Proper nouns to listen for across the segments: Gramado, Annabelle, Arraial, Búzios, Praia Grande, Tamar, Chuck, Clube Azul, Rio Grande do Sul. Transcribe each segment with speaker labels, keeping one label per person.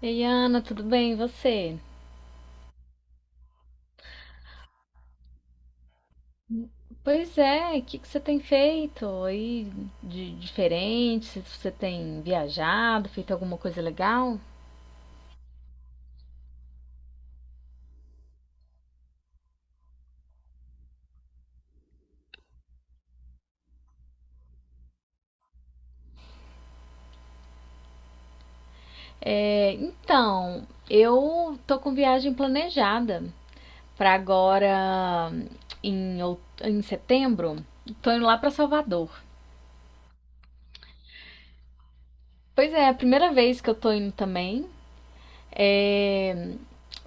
Speaker 1: Ei, Ana, tudo bem? E você? Pois é, o que que você tem feito aí de diferente? Se você tem viajado, feito alguma coisa legal? Então, eu tô com viagem planejada pra agora em setembro. Tô indo lá pra Salvador. Pois é, é a primeira vez que eu tô indo também. É,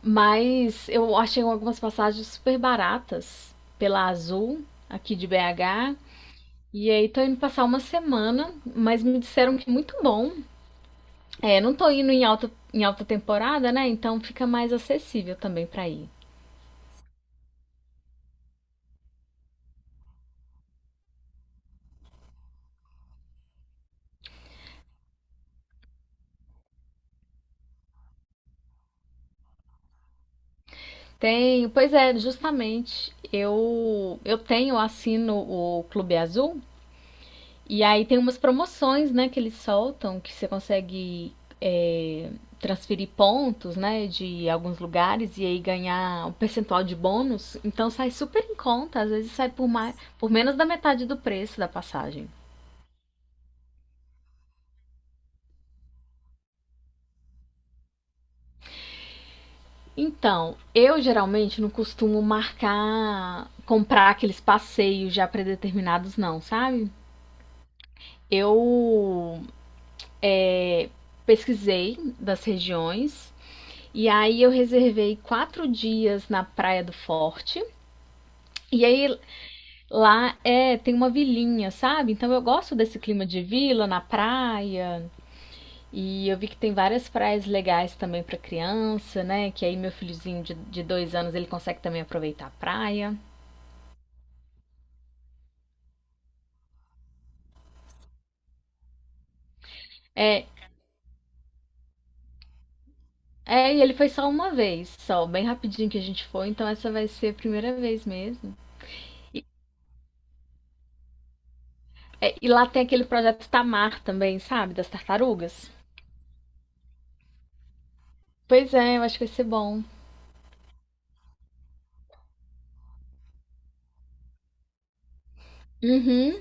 Speaker 1: mas eu achei algumas passagens super baratas pela Azul aqui de BH. E aí tô indo passar uma semana, mas me disseram que é muito bom. É, não tô indo em alta temporada, né? Então fica mais acessível também pra ir. Tenho, pois é, justamente. Eu tenho, assino o Clube Azul e aí tem umas promoções, né, que eles soltam que você consegue é, transferir pontos, né, de alguns lugares e aí ganhar um percentual de bônus. Então sai super em conta, às vezes sai por menos da metade do preço da passagem. Então, eu geralmente não costumo marcar, comprar aqueles passeios já predeterminados, não, sabe? Eu pesquisei das regiões e aí eu reservei quatro dias na Praia do Forte. E aí lá tem uma vilinha, sabe? Então eu gosto desse clima de vila na praia. E eu vi que tem várias praias legais também para criança, né? Que aí meu filhozinho de dois anos ele consegue também aproveitar a praia. É, e ele foi só uma vez, só, bem rapidinho que a gente foi, então essa vai ser a primeira vez mesmo. É, e lá tem aquele projeto Tamar também, sabe? Das tartarugas. Pois é, eu acho que vai ser bom. Uhum,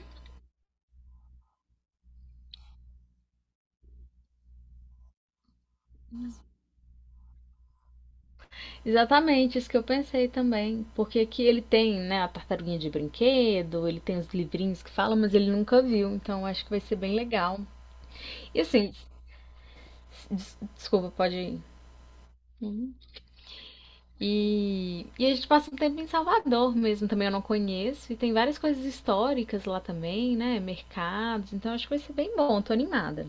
Speaker 1: exatamente, isso que eu pensei também. Porque aqui ele tem, né, a tartaruguinha de brinquedo, ele tem os livrinhos que falam, mas ele nunca viu, então eu acho que vai ser bem legal. E assim, desculpa, pode. Ir. E a gente passa um tempo em Salvador mesmo, também eu não conheço. E tem várias coisas históricas lá também, né? Mercados, então acho que vai ser bem bom, tô animada.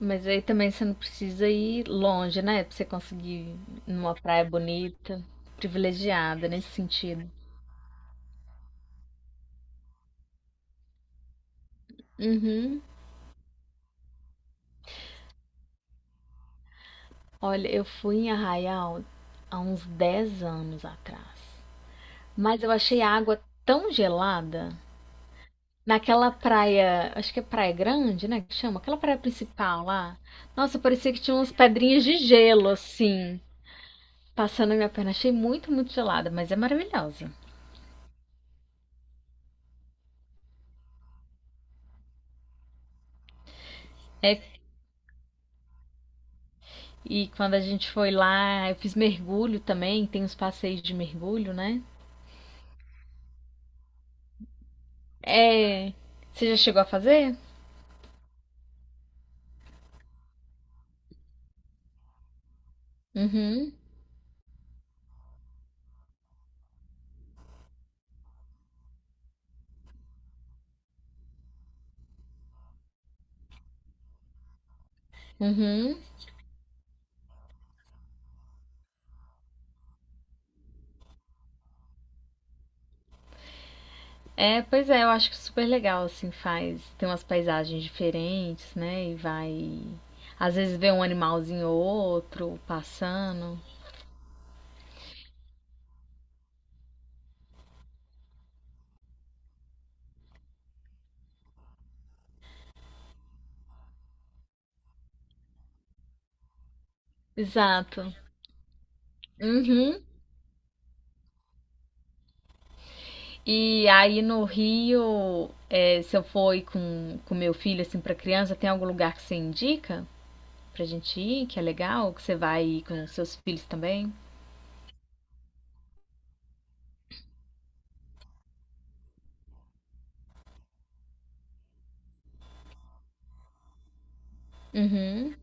Speaker 1: Mas aí também você não precisa ir longe, né? Pra você conseguir numa praia bonita, privilegiada nesse sentido. Uhum. Olha, eu fui em Arraial há uns 10 anos atrás. Mas eu achei a água tão gelada naquela praia, acho que é Praia Grande, né? Que chama? Aquela praia principal lá. Nossa, parecia que tinha umas pedrinhas de gelo, assim, passando na minha perna. Achei muito, muito gelada, mas é maravilhosa. É, e quando a gente foi lá, eu fiz mergulho também, tem uns passeios de mergulho, né? É. Você já chegou a fazer? Uhum. Uhum. É, pois é, eu acho que é super legal, assim, faz. Tem umas paisagens diferentes, né? E vai. Às vezes vê um animalzinho ou outro passando. Exato. Uhum. E aí no Rio, é, se eu for ir com meu filho, assim, pra criança, tem algum lugar que você indica pra gente ir, que é legal, que você vai ir com seus filhos também? Uhum.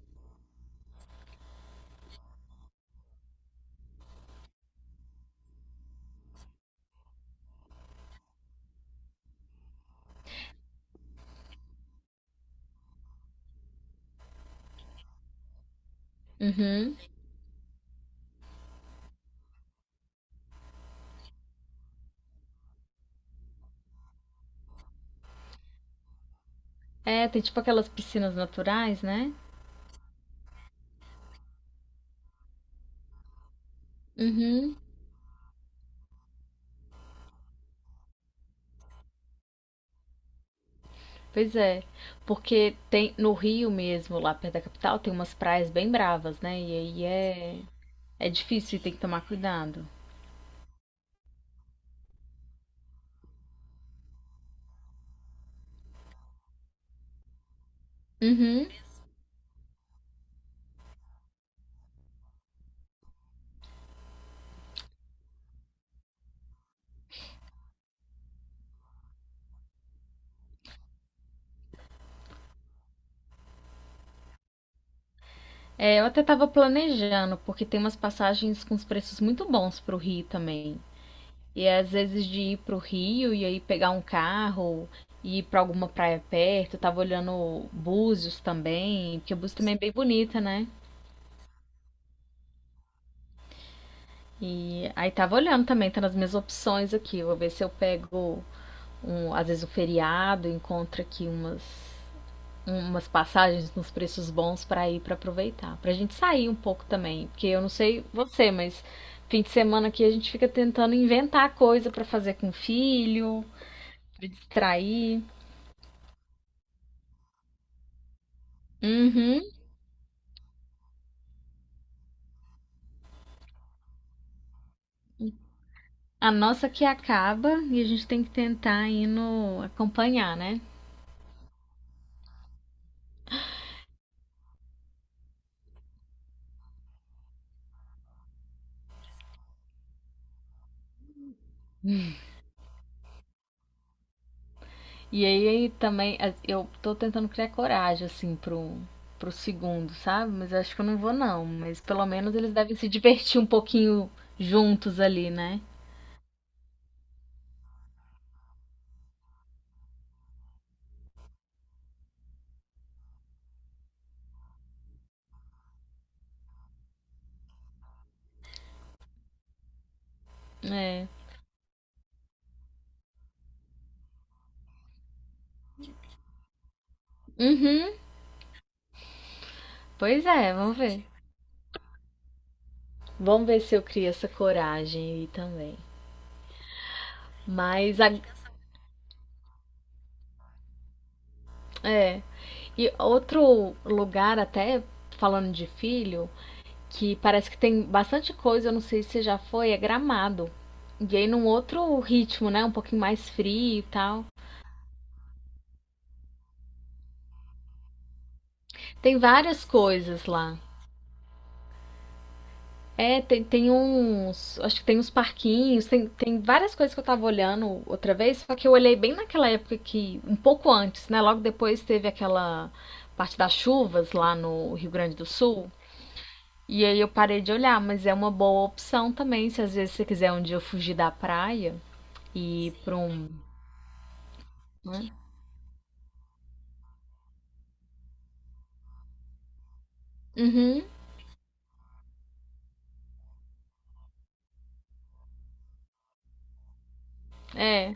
Speaker 1: Uhum. É, tem tipo aquelas piscinas naturais, né? Uhum. Pois é. Porque tem no Rio mesmo, lá perto da capital, tem umas praias bem bravas, né? É difícil e tem que tomar cuidado. Uhum. É, eu até estava planejando, porque tem umas passagens com os preços muito bons para o Rio também. E é, às vezes de ir para o Rio e aí pegar um carro e ir para alguma praia perto. Eu tava olhando Búzios também, porque Búzios também é bem bonita, né? E aí tava olhando também, tá nas minhas opções aqui. Vou ver se eu pego às vezes um feriado, encontro aqui umas passagens nos preços bons para ir para aproveitar, para a gente sair um pouco também, porque eu não sei você, mas fim de semana aqui a gente fica tentando inventar coisa para fazer com o filho, para distrair. Uhum. A nossa que acaba e a gente tem que tentar ir no acompanhar, né? E aí também eu tô tentando criar coragem assim pro segundo, sabe? Mas eu acho que eu não vou não, mas pelo menos eles devem se divertir um pouquinho juntos ali, né? É. Uhum. Pois é, vamos ver. Vamos ver se eu crio essa coragem aí também. Mas a- é. E outro lugar, até falando de filho, que parece que tem bastante coisa, eu não sei se já foi, é Gramado. E aí num outro ritmo, né? Um pouquinho mais frio e tal. Tem várias coisas lá. Tem uns. Acho que tem uns parquinhos, tem várias coisas que eu tava olhando outra vez, só que eu olhei bem naquela época que. Um pouco antes, né? Logo depois teve aquela parte das chuvas lá no Rio Grande do Sul. E aí eu parei de olhar, mas é uma boa opção também, se às vezes você quiser um dia fugir da praia e ir pra um. Né? Uhum, é.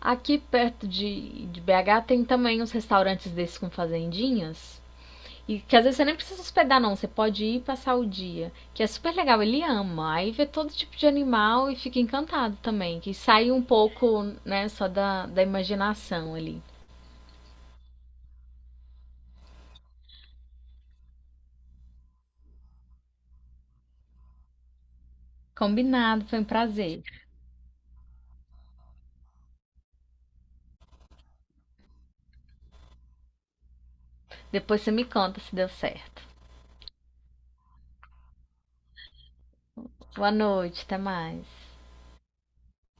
Speaker 1: Aqui perto de BH tem também uns restaurantes desses com fazendinhas. E que às vezes você nem precisa hospedar, não. Você pode ir passar o dia. Que é super legal. Ele ama. Aí vê todo tipo de animal e fica encantado também. Que sai um pouco, né, só da imaginação ali. Combinado, foi um prazer. Depois você me conta se deu certo. Boa noite, até mais.